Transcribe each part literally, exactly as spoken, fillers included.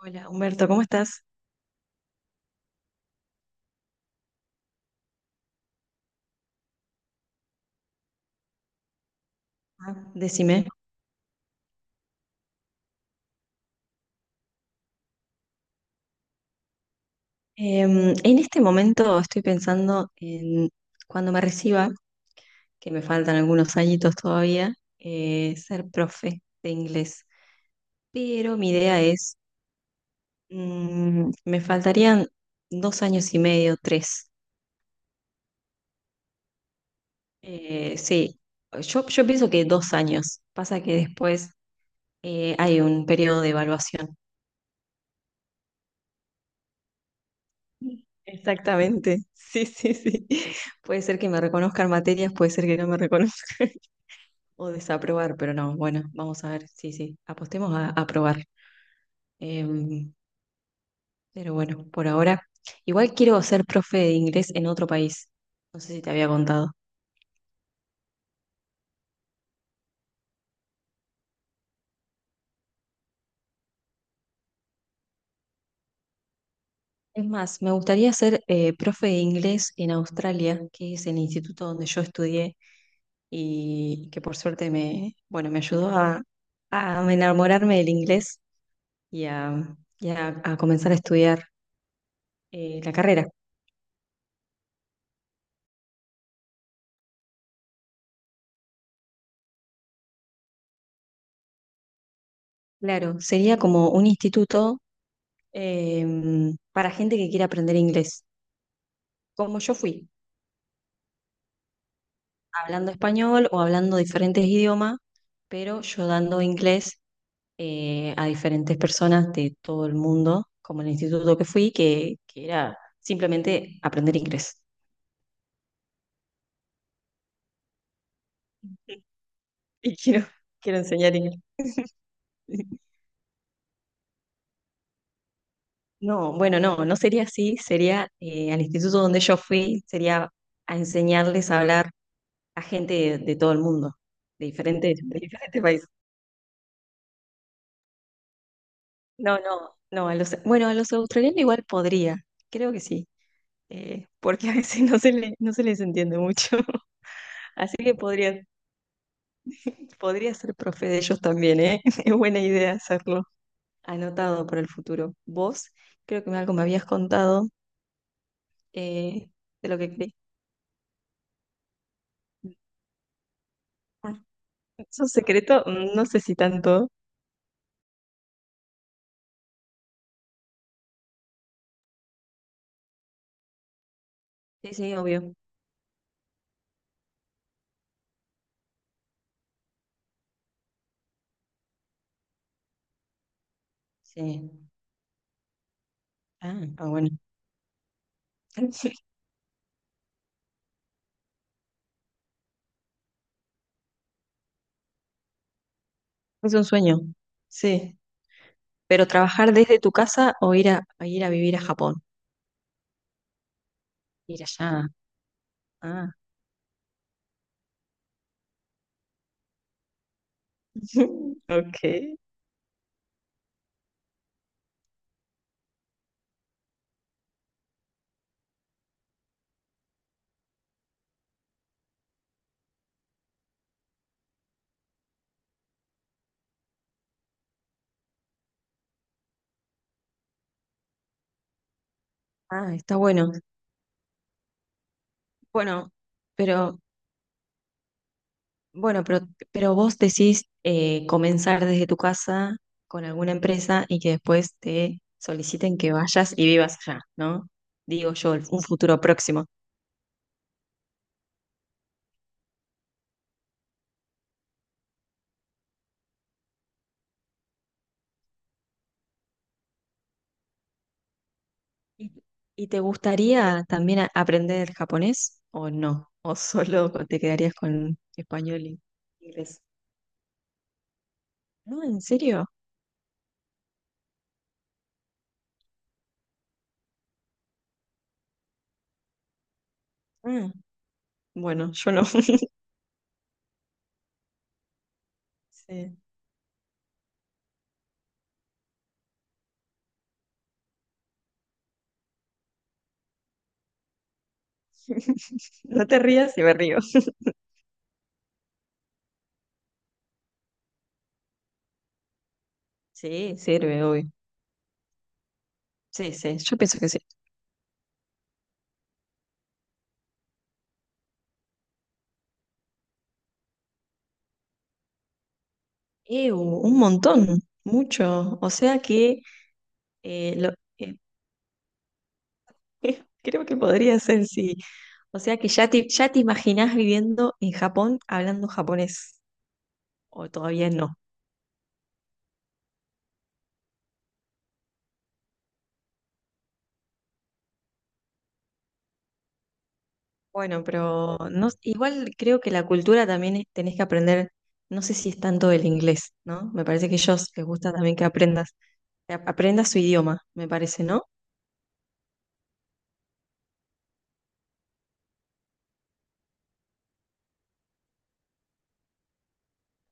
Hola, Humberto, ¿cómo estás? Ah, decime. Em, en este momento estoy pensando en cuando me reciba, que me faltan algunos añitos todavía, eh, ser profe de inglés. Pero mi idea es, mm, me faltarían dos años y medio, tres. Eh, sí, yo, yo pienso que dos años. Pasa que después eh, hay un periodo de evaluación. Exactamente, sí, sí, sí. Puede ser que me reconozcan materias, puede ser que no me reconozcan. O desaprobar, pero no, bueno, vamos a ver, sí, sí, apostemos a aprobar. Em, pero bueno, por ahora, igual quiero ser profe de inglés en otro país, no sé si te había contado. Es más, me gustaría ser eh, profe de inglés en Australia, que es el instituto donde yo estudié y que por suerte me, bueno, me ayudó a, a enamorarme del inglés y a, y a- a comenzar a estudiar eh, la carrera. Claro, sería como un instituto eh, para gente que quiere aprender inglés, como yo fui, hablando español o hablando diferentes idiomas, pero yo dando inglés eh, a diferentes personas de todo el mundo, como el instituto que fui, que, que era simplemente aprender inglés. Y quiero, quiero enseñar inglés. No, bueno, no, no sería así, sería eh, al instituto donde yo fui, sería a enseñarles a hablar a gente de, de todo el mundo, de diferentes, de diferentes países. No, no, no, a los, bueno, a los australianos igual podría, creo que sí, eh, porque a veces no se le, no se les entiende mucho, así que podría, podría ser profe de ellos también, ¿eh? Es buena idea hacerlo, anotado para el futuro. Vos, creo que algo me habías contado eh, de lo que creí. Ah, ¿es un secreto? Mm, No sé si tanto. Sí, sí, obvio. Sí. Ah, ah, bueno. Es un sueño. Sí. Pero trabajar desde tu casa o ir a, a ir a vivir a Japón. Ir allá. Ah, ok. Ah, está bueno. Bueno, pero bueno, pero, pero vos decís eh, comenzar desde tu casa con alguna empresa y que después te soliciten que vayas y vivas allá, ¿no? Digo yo, un futuro próximo. ¿Y, y te gustaría también a- aprender japonés o no? ¿O solo te quedarías con español y inglés? No, ¿en serio? Ah, bueno, yo no. Sí. No te rías y me río. Sí, sirve, obvio. Sí, sí, yo pienso que sí. Eh, un montón, mucho. O sea que eh, lo, eh, creo que podría ser, sí. O sea que ya te, ya te imaginás viviendo en Japón hablando japonés, o todavía no. Bueno, pero no, igual creo que la cultura también es- tenés que aprender, no sé si es tanto el inglés, ¿no? Me parece que ellos les gusta también que aprendas, que ap- aprendas su idioma, me parece, ¿no?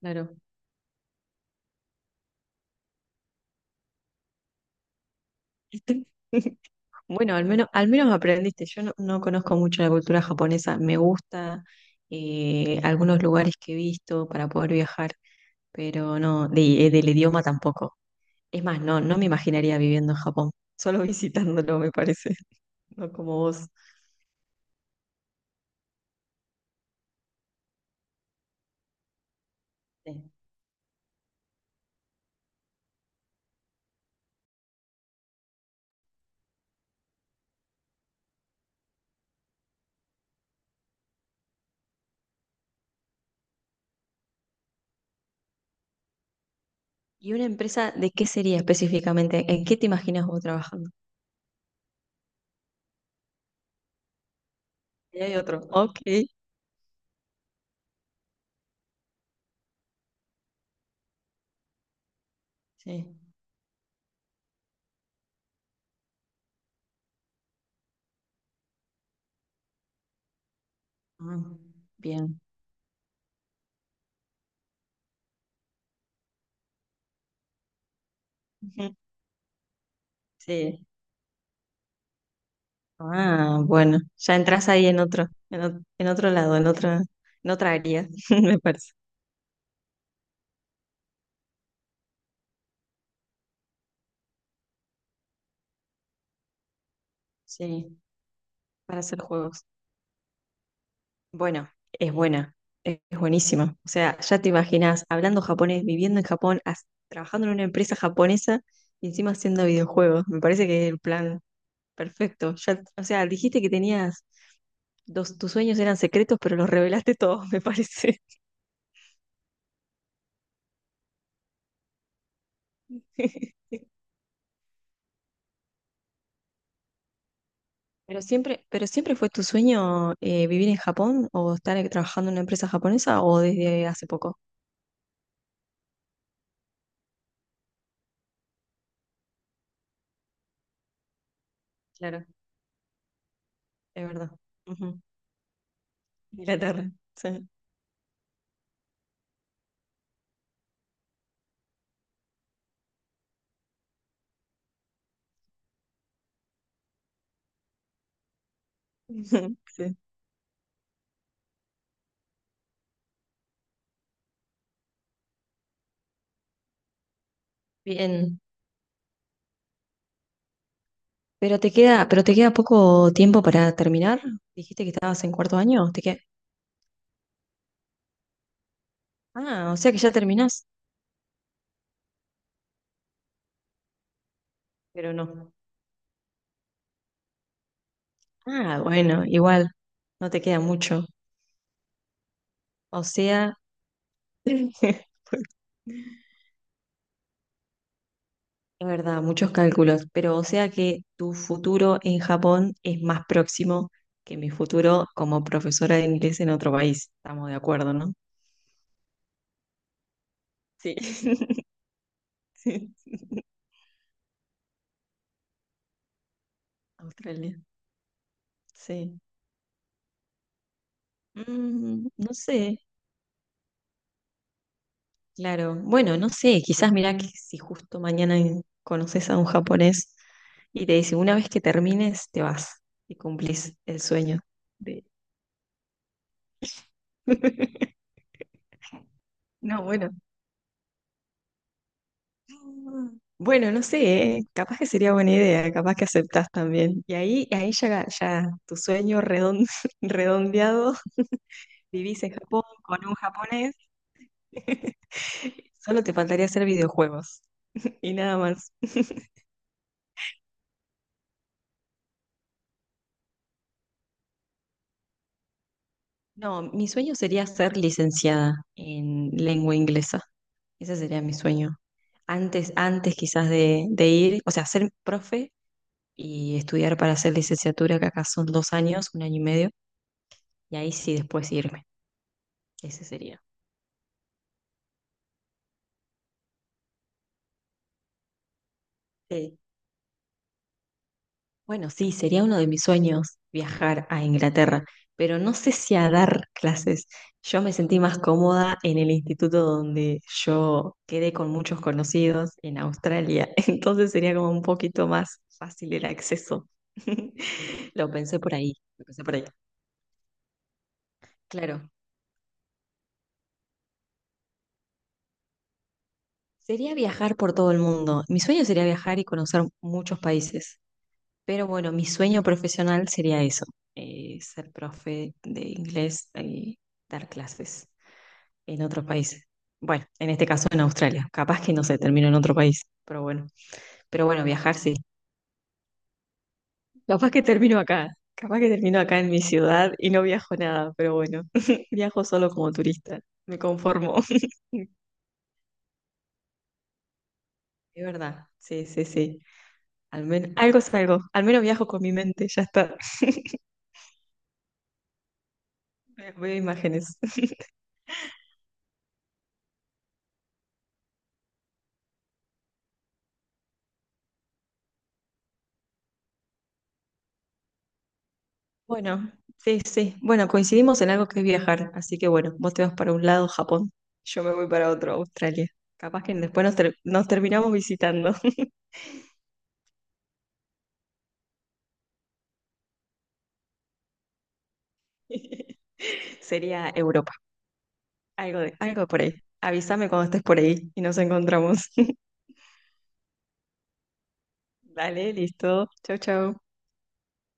Claro. Bueno, al menos, al menos aprendiste. Yo no, no conozco mucho la cultura japonesa. Me gusta eh, algunos lugares que he visto para poder viajar, pero no, de- eh, del idioma tampoco. Es más, no, no me imaginaría viviendo en Japón, solo visitándolo, me parece, no como vos. Sí. ¿Y una empresa de qué sería específicamente? ¿En qué te imaginas vos trabajando? Y hay otro. Ok. Sí. Ah, bien. Ujú. Sí. Ah, bueno, ya entras ahí en otro, en, ot- en otro lado, en otra, en otra área, me parece. Sí, para hacer juegos. Bueno, es buena, es, es buenísima. O sea, ya te imaginas hablando japonés, viviendo en Japón, as- trabajando en una empresa japonesa y encima haciendo videojuegos. Me parece que es el plan perfecto. Ya, o sea, dijiste que tenías dos, tus sueños eran secretos, pero los revelaste todos, me parece. Pero siempre, pero siempre fue tu sueño eh, vivir en Japón o estar eh, trabajando en una empresa japonesa o desde hace poco. Claro, es verdad. Ujú. Inglaterra. Sí. Sí. Bien. Pero te queda, pero te queda poco tiempo para terminar. Dijiste que estabas en cuarto año. ¿Te queda? Ah, o sea que ya terminás, pero no. Ah, bueno, igual, no te queda mucho. O sea, es verdad, muchos cálculos, pero o sea que tu futuro en Japón es más próximo que mi futuro como profesora de inglés en otro país. Estamos de acuerdo, ¿no? Sí. Sí. Australia. Sí. Mm, no sé, claro. Bueno, no sé, quizás mirá que si justo mañana en- conoces a un japonés y te dice, una vez que termines, te vas y cumplís el sueño de... No, bueno. Bueno, no sé, ¿eh? Capaz que sería buena idea, capaz que aceptás también. Y ahí, ahí ya, ya tu sueño redon- redondeado, vivís en Japón con un japonés, solo te faltaría hacer videojuegos y nada más. No, mi sueño sería ser licenciada en lengua inglesa, ese sería mi sueño. Antes, antes quizás de, de ir, o sea, ser profe y estudiar para hacer licenciatura, que acá son dos años, un año y medio, y ahí sí después irme, ese sería. Sí. Bueno, sí, sería uno de mis sueños viajar a Inglaterra, pero no sé si a dar clases. Yo me sentí más cómoda en el instituto donde yo quedé con muchos conocidos en Australia, entonces sería como un poquito más fácil el acceso. Lo pensé por ahí, lo pensé por ahí. Claro, sería viajar por todo el mundo. Mi sueño sería viajar y conocer muchos países. Pero bueno, mi sueño profesional sería eso, eh, ser profe de inglés y dar clases en otros países. Bueno, en este caso en Australia. Capaz que no se termino en otro país, pero bueno. Pero bueno, viajar sí. Capaz que termino acá. Capaz que termino acá en mi ciudad y no viajo nada, pero bueno, viajo solo como turista. Me conformo. Es verdad, sí, sí, sí. Al menos algo es algo. Al menos viajo con mi mente, ya está. Veo imágenes. Bueno, sí, sí. Bueno, coincidimos en algo que es viajar, así que bueno, vos te vas para un lado, Japón, yo me voy para otro, Australia. Capaz que después nos, ter- nos terminamos visitando. Sería Europa, algo de, algo por ahí. Avísame cuando estés por ahí y nos encontramos. Dale, listo. Chau, chau.